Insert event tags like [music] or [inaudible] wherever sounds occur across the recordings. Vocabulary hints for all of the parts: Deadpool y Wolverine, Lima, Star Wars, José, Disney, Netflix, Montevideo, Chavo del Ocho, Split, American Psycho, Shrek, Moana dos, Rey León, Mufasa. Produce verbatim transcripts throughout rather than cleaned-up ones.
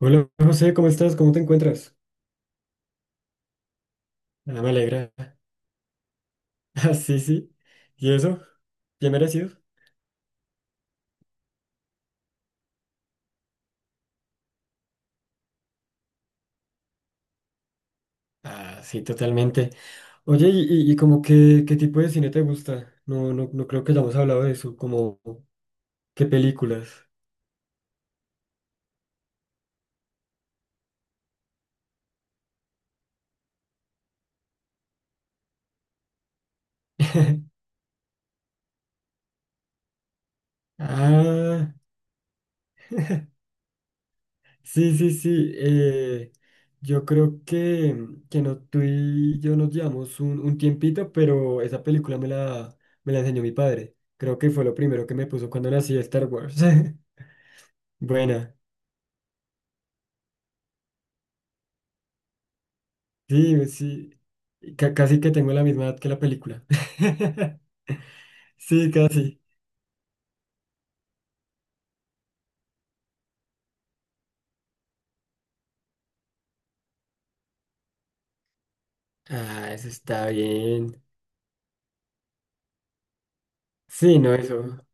Hola José, ¿cómo estás? ¿Cómo te encuentras? Ah, me alegra. [laughs] Ah, sí, sí. ¿Y eso? ¿Bien merecido? Ah, sí, totalmente. Oye, ¿y, y, y como qué qué tipo de cine te gusta? No, no, no creo que hayamos hablado de eso, como qué películas. [laughs] Ah, sí, sí, sí. Eh, yo creo que, que no, tú y yo nos llevamos un, un tiempito, pero esa película me la, me la enseñó mi padre. Creo que fue lo primero que me puso cuando nací Star Wars. [laughs] Buena. Sí, sí, ca- casi que tengo la misma edad que la película. [laughs] Sí, casi. Ah, eso está bien. Sí, no, eso.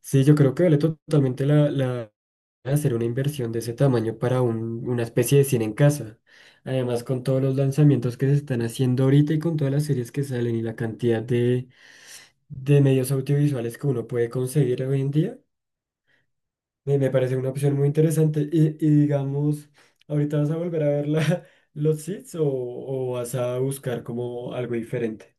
Sí, yo creo que vale totalmente la, la hacer una inversión de ese tamaño para un- una especie de cine en casa. Además, con todos los lanzamientos que se están haciendo ahorita y con todas las series que salen y la cantidad de, de medios audiovisuales que uno puede conseguir hoy en día. Me, me parece una opción muy interesante. Y, y digamos, ¿ahorita vas a volver a ver la- [laughs] los seeds o, o vas a buscar como algo diferente?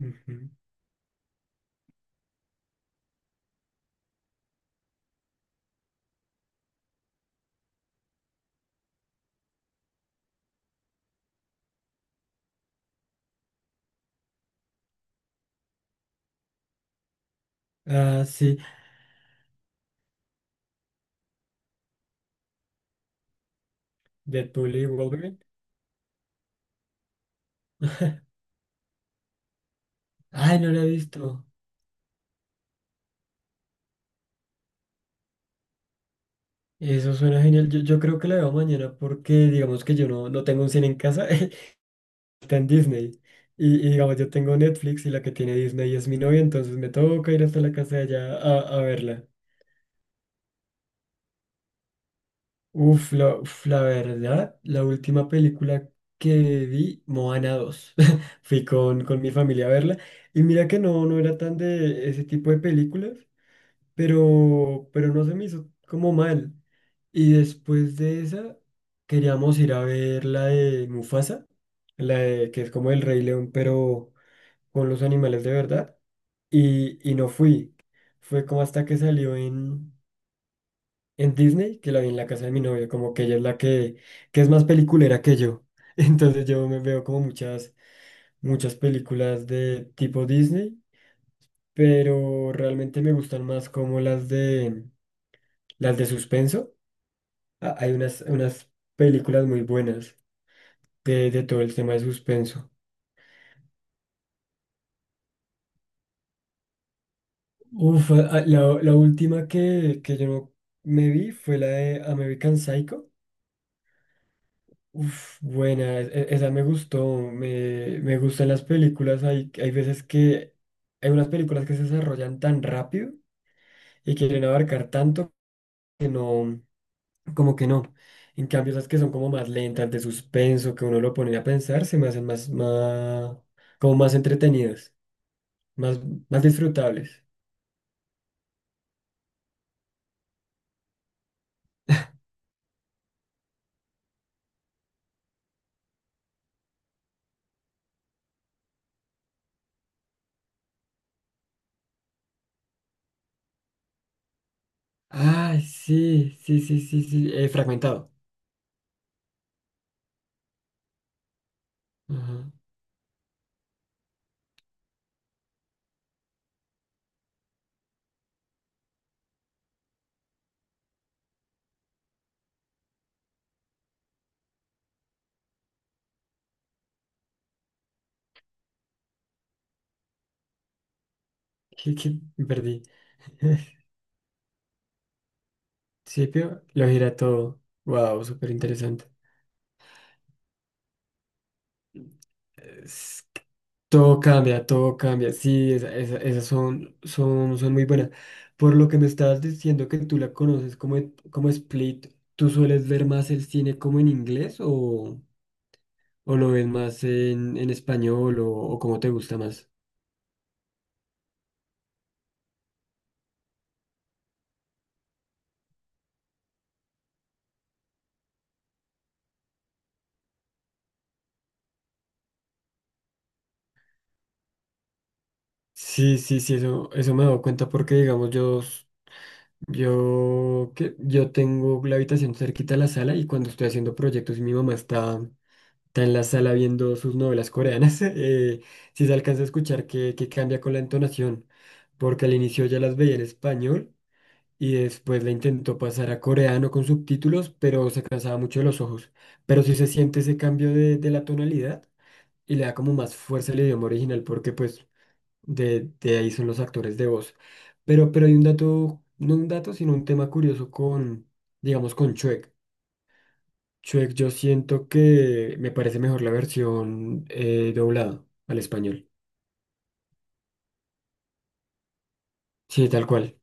Ujú. Ah, sí, Deadpool y Wolverine. Ay, no la he visto. Eso suena genial. Yo, yo creo que la veo mañana porque digamos que yo no, no tengo un cine en casa, [laughs] está en Disney. Y, y digamos, yo tengo Netflix y la que tiene Disney es mi novia, entonces me toca ir hasta la casa de allá a, a verla. Uf, la, uf, la verdad, la última película que vi, Moana dos. [laughs] Fui con, con mi familia a verla. Y mira que no, no era tan de ese tipo de películas, pero, pero no se me hizo como mal. Y después de esa, queríamos ir a ver la de Mufasa, la de, que es como el Rey León, pero con los animales de verdad. Y, y no fui. Fue como hasta que salió en, en Disney que la vi en la casa de mi novia, como que ella es la que, que es más peliculera que yo. [laughs] Entonces yo me veo como muchas, muchas películas de tipo Disney, pero realmente me gustan más como las de las de suspenso. Ah, hay unas, unas películas muy buenas de, de todo el tema de suspenso. Uf, ah, ah, la, la última que, que yo no me vi fue la de American Psycho. Uf, buena, es- e- esa me gustó, me, me gustan las películas, hay, hay veces que hay unas películas que se desarrollan tan rápido y quieren abarcar tanto que no, como que no. En cambio, esas que son como más lentas, de suspenso, que uno lo pone a pensar, se me hacen más, más, como más entretenidas, más, más disfrutables. Ay, sí, sí, sí, sí, sí, eh, fragmentado. Ajá. [laughs] ¿Qué, qué? Me perdí. [laughs] Al principio lo gira todo. Wow, súper interesante. Es que todo cambia, todo cambia. Sí, esa- esa- esas son, son, son muy buenas. Por lo que me estabas diciendo que tú la conoces como, e- como Split, ¿tú sueles ver más el cine como en inglés o, o lo ves más en, en español o, o cómo te gusta más? Sí, sí, sí, eso, eso me he dado cuenta porque, digamos, yo, s- yo, que, yo tengo la habitación cerquita a la sala y cuando estoy haciendo proyectos y mi mamá está está en la sala viendo sus novelas coreanas. [laughs] eh, si se alcanza a escuchar que, que cambia con la entonación, porque al inicio ya las veía en español y después la intentó pasar a coreano con subtítulos, pero se cansaba mucho de los ojos. Pero sí se siente ese cambio de, de la tonalidad y le da como más fuerza al idioma original, porque pues de, de ahí son los actores de voz. Pero, pero hay un dato, no un dato, sino un tema curioso con, digamos, con Chuek. Shrek, yo siento que me parece mejor la versión eh, doblada al español. Sí, tal cual.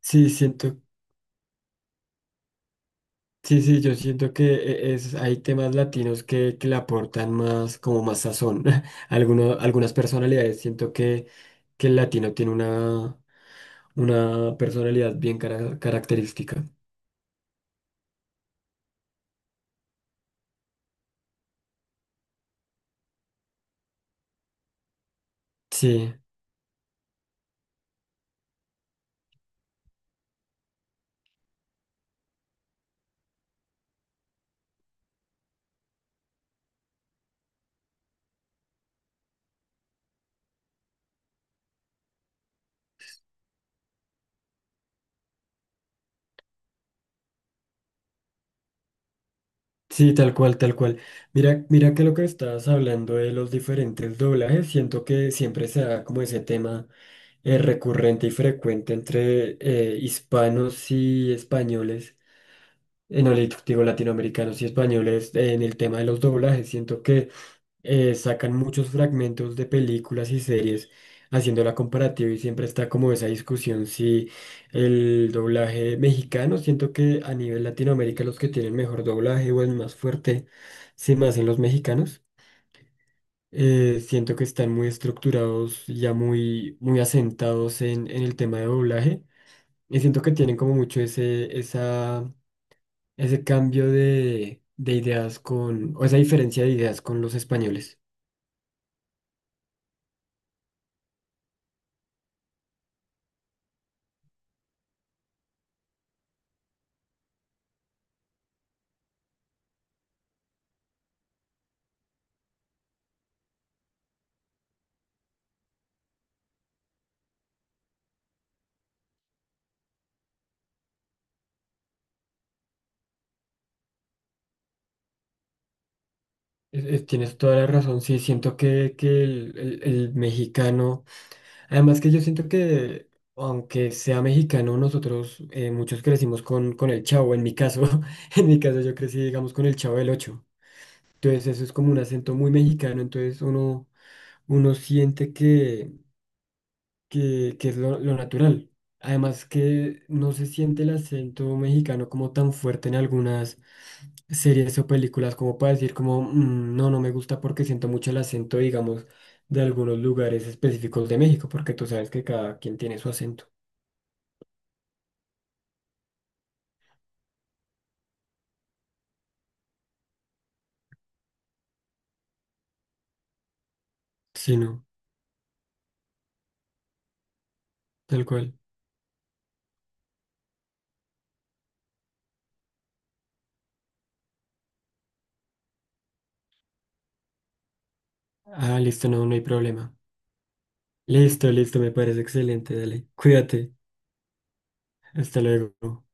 Sí, siento, sí, sí, yo siento que eh, es, hay temas latinos que, que le aportan más, como más sazón. [laughs] Alguno- algunas personalidades, siento que, que el latino tiene una, una personalidad bien cara- característica. Sí. Sí, tal cual, tal cual. Mira, mira que lo que estabas hablando de los diferentes doblajes, siento que siempre se da como ese tema eh, recurrente y frecuente entre eh, hispanos y españoles. Eh, no le digo latinoamericanos y españoles eh, en el tema de los doblajes. Siento que eh, sacan muchos fragmentos de películas y series haciendo la comparativa y siempre está como esa discusión si el doblaje mexicano, siento que a nivel Latinoamérica los que tienen mejor doblaje o el más fuerte se me hacen los mexicanos. Eh, siento que están muy estructurados, ya muy, muy asentados en, en el tema de doblaje y siento que tienen como mucho ese, esa, ese cambio de, de ideas con, o esa diferencia de ideas con los españoles. Es- es- Tienes toda la razón, sí, siento que, que el, el- el mexicano, además que yo siento que aunque sea mexicano, nosotros eh, muchos crecimos con, con el Chavo, en mi caso. [laughs] En mi caso yo crecí, digamos, con el Chavo del Ocho, entonces eso es como un acento muy mexicano, entonces uno, uno siente que, que es lo, lo natural. Además que no se siente el acento mexicano como tan fuerte en algunas series o películas como para decir como, "Mm, no, no me gusta porque siento mucho el acento, digamos, de algunos lugares específicos de México, porque tú sabes que cada quien tiene su acento". Sí, no, tal cual. Ah, listo, no, no hay problema. Listo, listo, me parece excelente, dale. Cuídate. Hasta luego.